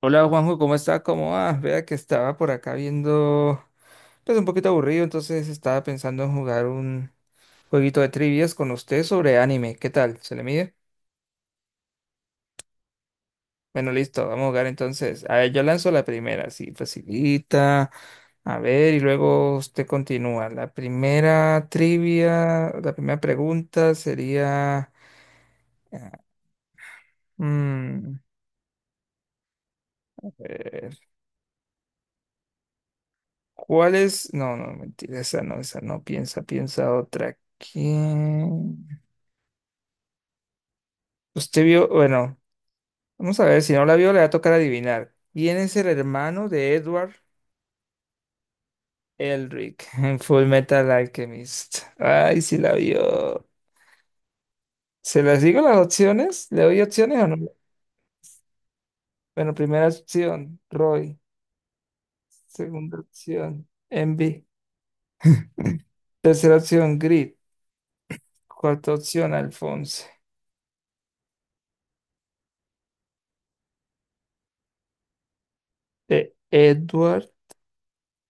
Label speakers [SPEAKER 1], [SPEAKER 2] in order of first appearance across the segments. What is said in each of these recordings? [SPEAKER 1] Hola Juanjo, ¿cómo está? ¿Cómo va? Vea que estaba por acá viendo, pues un poquito aburrido, entonces estaba pensando en jugar un jueguito de trivias con usted sobre anime. ¿Qué tal? ¿Se le mide? Bueno, listo, vamos a jugar entonces. A ver, yo lanzo la primera, así facilita. A ver, y luego usted continúa. La primera trivia, la primera pregunta sería... mm, a ver, ¿cuál es? No, no, mentira, esa no, esa no. Piensa, piensa otra. ¿Quién? Usted vio, bueno, vamos a ver, si no la vio, le va a tocar adivinar. ¿Quién es el hermano de Edward Elric en Full Metal Alchemist? Ay, si la vio. ¿Se las digo las opciones? ¿Le doy opciones o no? Bueno, primera opción, Roy. Segunda opción, Envy. Tercera opción, Grit. Cuarta opción, Alphonse. De Edward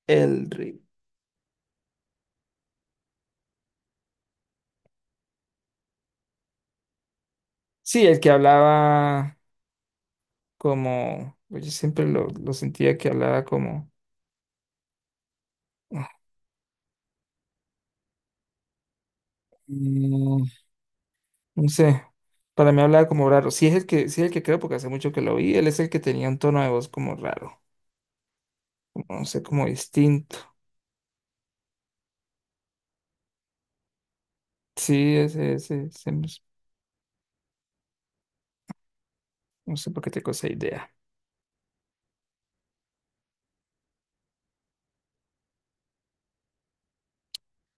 [SPEAKER 1] Elric. Sí, el que hablaba como. Pues yo siempre lo sentía que hablaba como. Mm, No sé, para mí hablaba como raro. Sí es el que, sí es el que creo porque hace mucho que lo vi. Él es el que tenía un tono de voz como raro, como, no sé, como distinto. Sí, ese, no sé por qué tengo esa idea.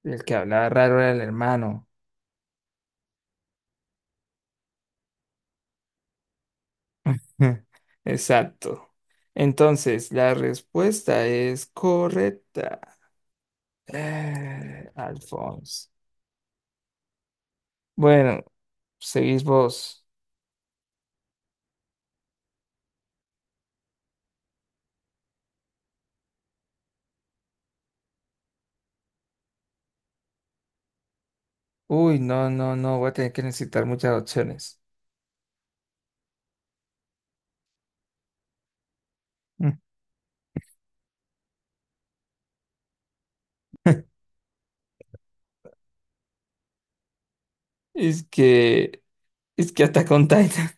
[SPEAKER 1] El que hablaba raro era el hermano. Exacto. Entonces, la respuesta es correcta. Alphonse. Bueno, seguís vos. Uy, no, no, no, voy a tener que necesitar muchas opciones. Es que Es que hasta con Titan.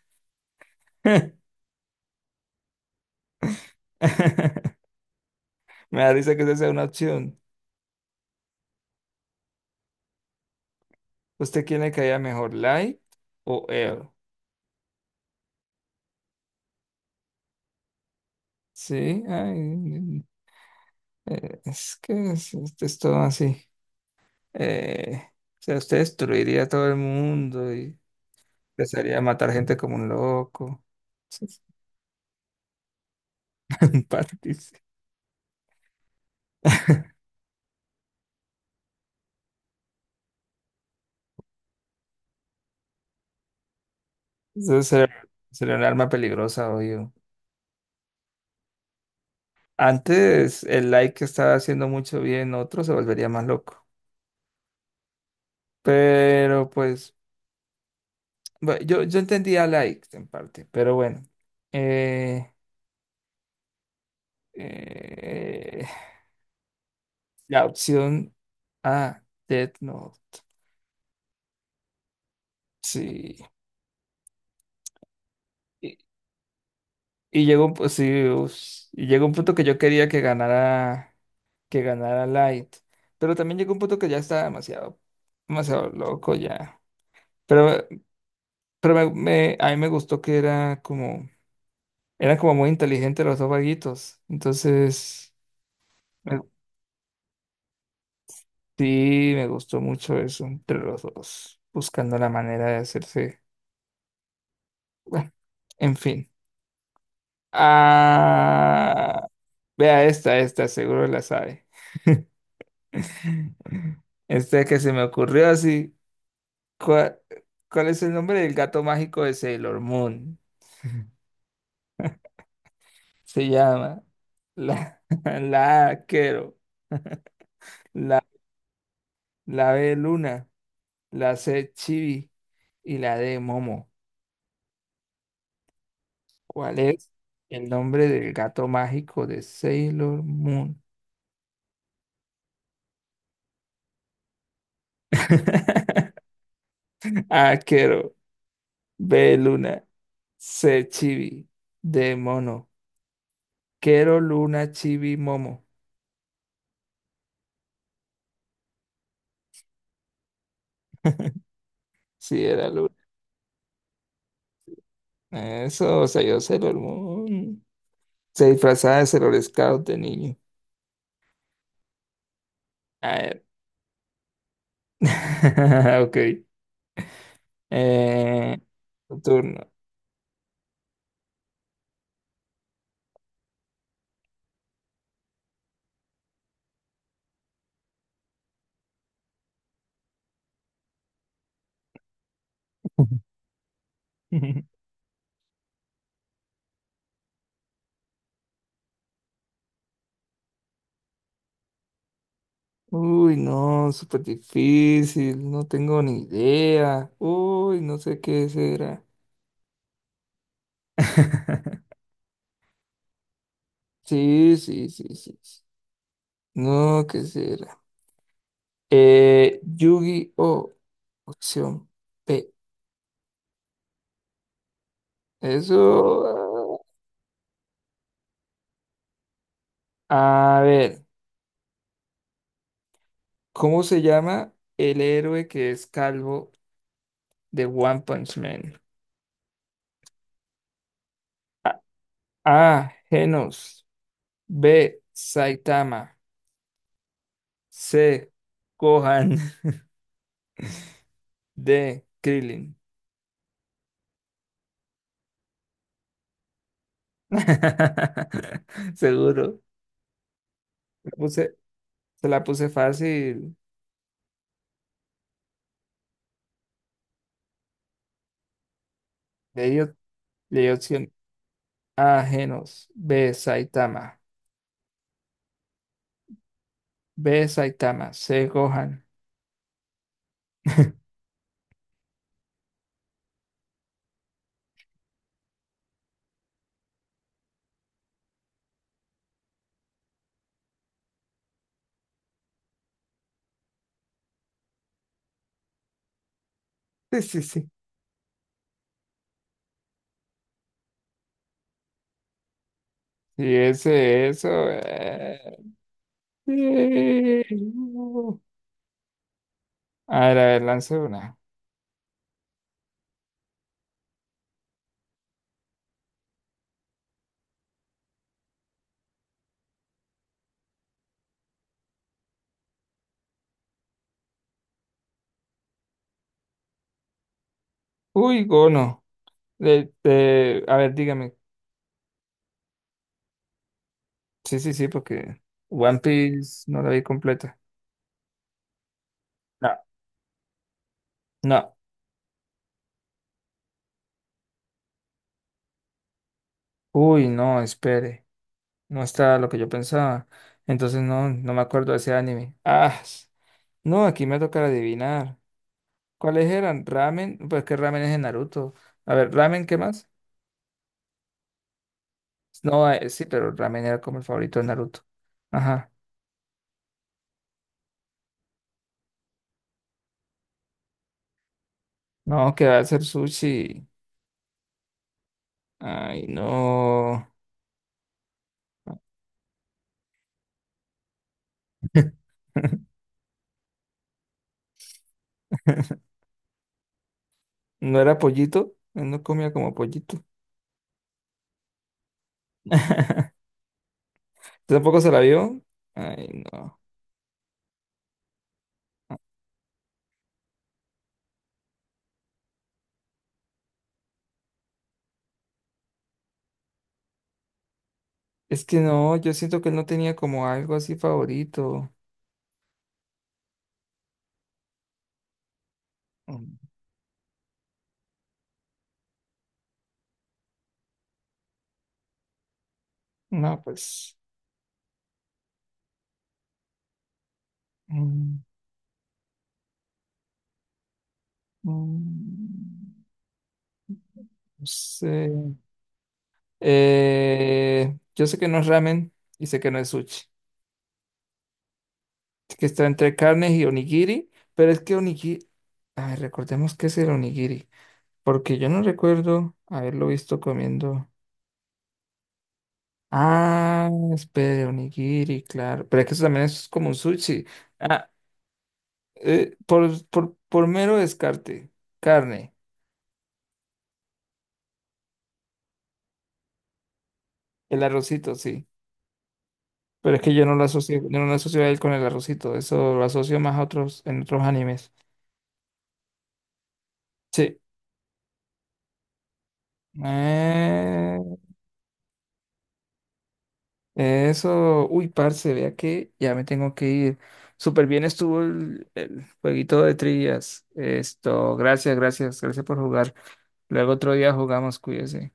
[SPEAKER 1] Me da risa que esa sea una opción. ¿Usted quién le caía mejor, Light o Air? Sí, ay, esto es todo así. Eh, o sea, usted destruiría a todo el mundo y empezaría a matar gente como un loco. Partirse. Eso sería, sería un arma peligrosa, obvio. Antes el like que estaba haciendo mucho bien, otro se volvería más loco. Pero pues Bueno, yo entendía like en parte, pero bueno. Eh, eh, la opción A, Death Note. Sí. Y, y llegó un, pu- sí, us- y llegó un punto que yo quería que ganara Light. Pero también llegó un punto que ya estaba demasiado, demasiado loco ya. Pero, pero a mí me gustó que era como, eran como muy inteligentes los dos vaguitos. Me, Sí, me gustó mucho eso entre los dos, buscando la manera de hacerse. Bueno, en fin. Ah, vea esta, esta, seguro la sabe. Esta que se me ocurrió así. ¿Cuál, cuál es el nombre del gato mágico de Sailor Moon? Se llama la, la A, Quero, la, la B Luna, la C Chibi y la D Momo. ¿Cuál es el nombre del gato mágico de Sailor Moon? Aquero, B luna, C chibi, D mono, Quero luna chibi momo. Sí, era luna. Eso, o sea, yo Sailor Moon. Se disfrazaba de Sailor Scout de niño. A ver. Ok. Eh, tu turno. Uy, no, súper difícil. No tengo ni idea. Uy, no sé qué será. Sí, sí, sí, sí. No, ¿qué será? Yu-Gi-Oh! Opción P. Eso. Ah, a ver, ¿cómo se llama el héroe que es calvo de One Punch Man? A. A, Genos. B. Saitama. C. Gohan. D. Krillin. Seguro. La puse- Se la puse fácil. Le di, op- Le di opción A. Genos. B. Saitama. B. Saitama. C. Gohan. Sí, sí, sí. Y ese, eso. Eh, uh. A ver, lance una. Uy, Gono. A ver, dígame. Sí, sí, sí, porque One Piece no la vi completa. No, no. Uy, no, espere. No está lo que yo pensaba. Entonces no, no me acuerdo de ese anime. No, aquí me toca adivinar. ¿Cuáles eran? Ramen, pues que ramen es en Naruto. A ver, ramen, ¿qué más? No, sí, pero ramen era como el favorito de Naruto. Ajá. No, que va a ser sushi. Ay, no. No era pollito. Él no comía como pollito. ¿Tampoco se la vio? Ay, no. Es que no, yo siento que él no tenía como algo así favorito. Mm, No, pues. mm, mm, No sé. Yo sé que no es ramen y sé que no es sushi. Que está entre carnes y onigiri, pero es que onigiri, a ver, recordemos qué es el onigiri, porque yo no recuerdo haberlo visto comiendo. Ah, espere, onigiri, claro, pero es que eso también es como un sushi. Ah, por mero descarte, carne, el arrocito, sí, pero es que yo no lo asocio, yo no lo asocio a él con el arrocito, eso lo asocio más a otros, en otros animes. Sí. Eh, eso, uy, parce, vea que ya me tengo que ir. Súper bien estuvo el jueguito de trillas. Esto, gracias, gracias, gracias por jugar. Luego otro día jugamos, cuídese.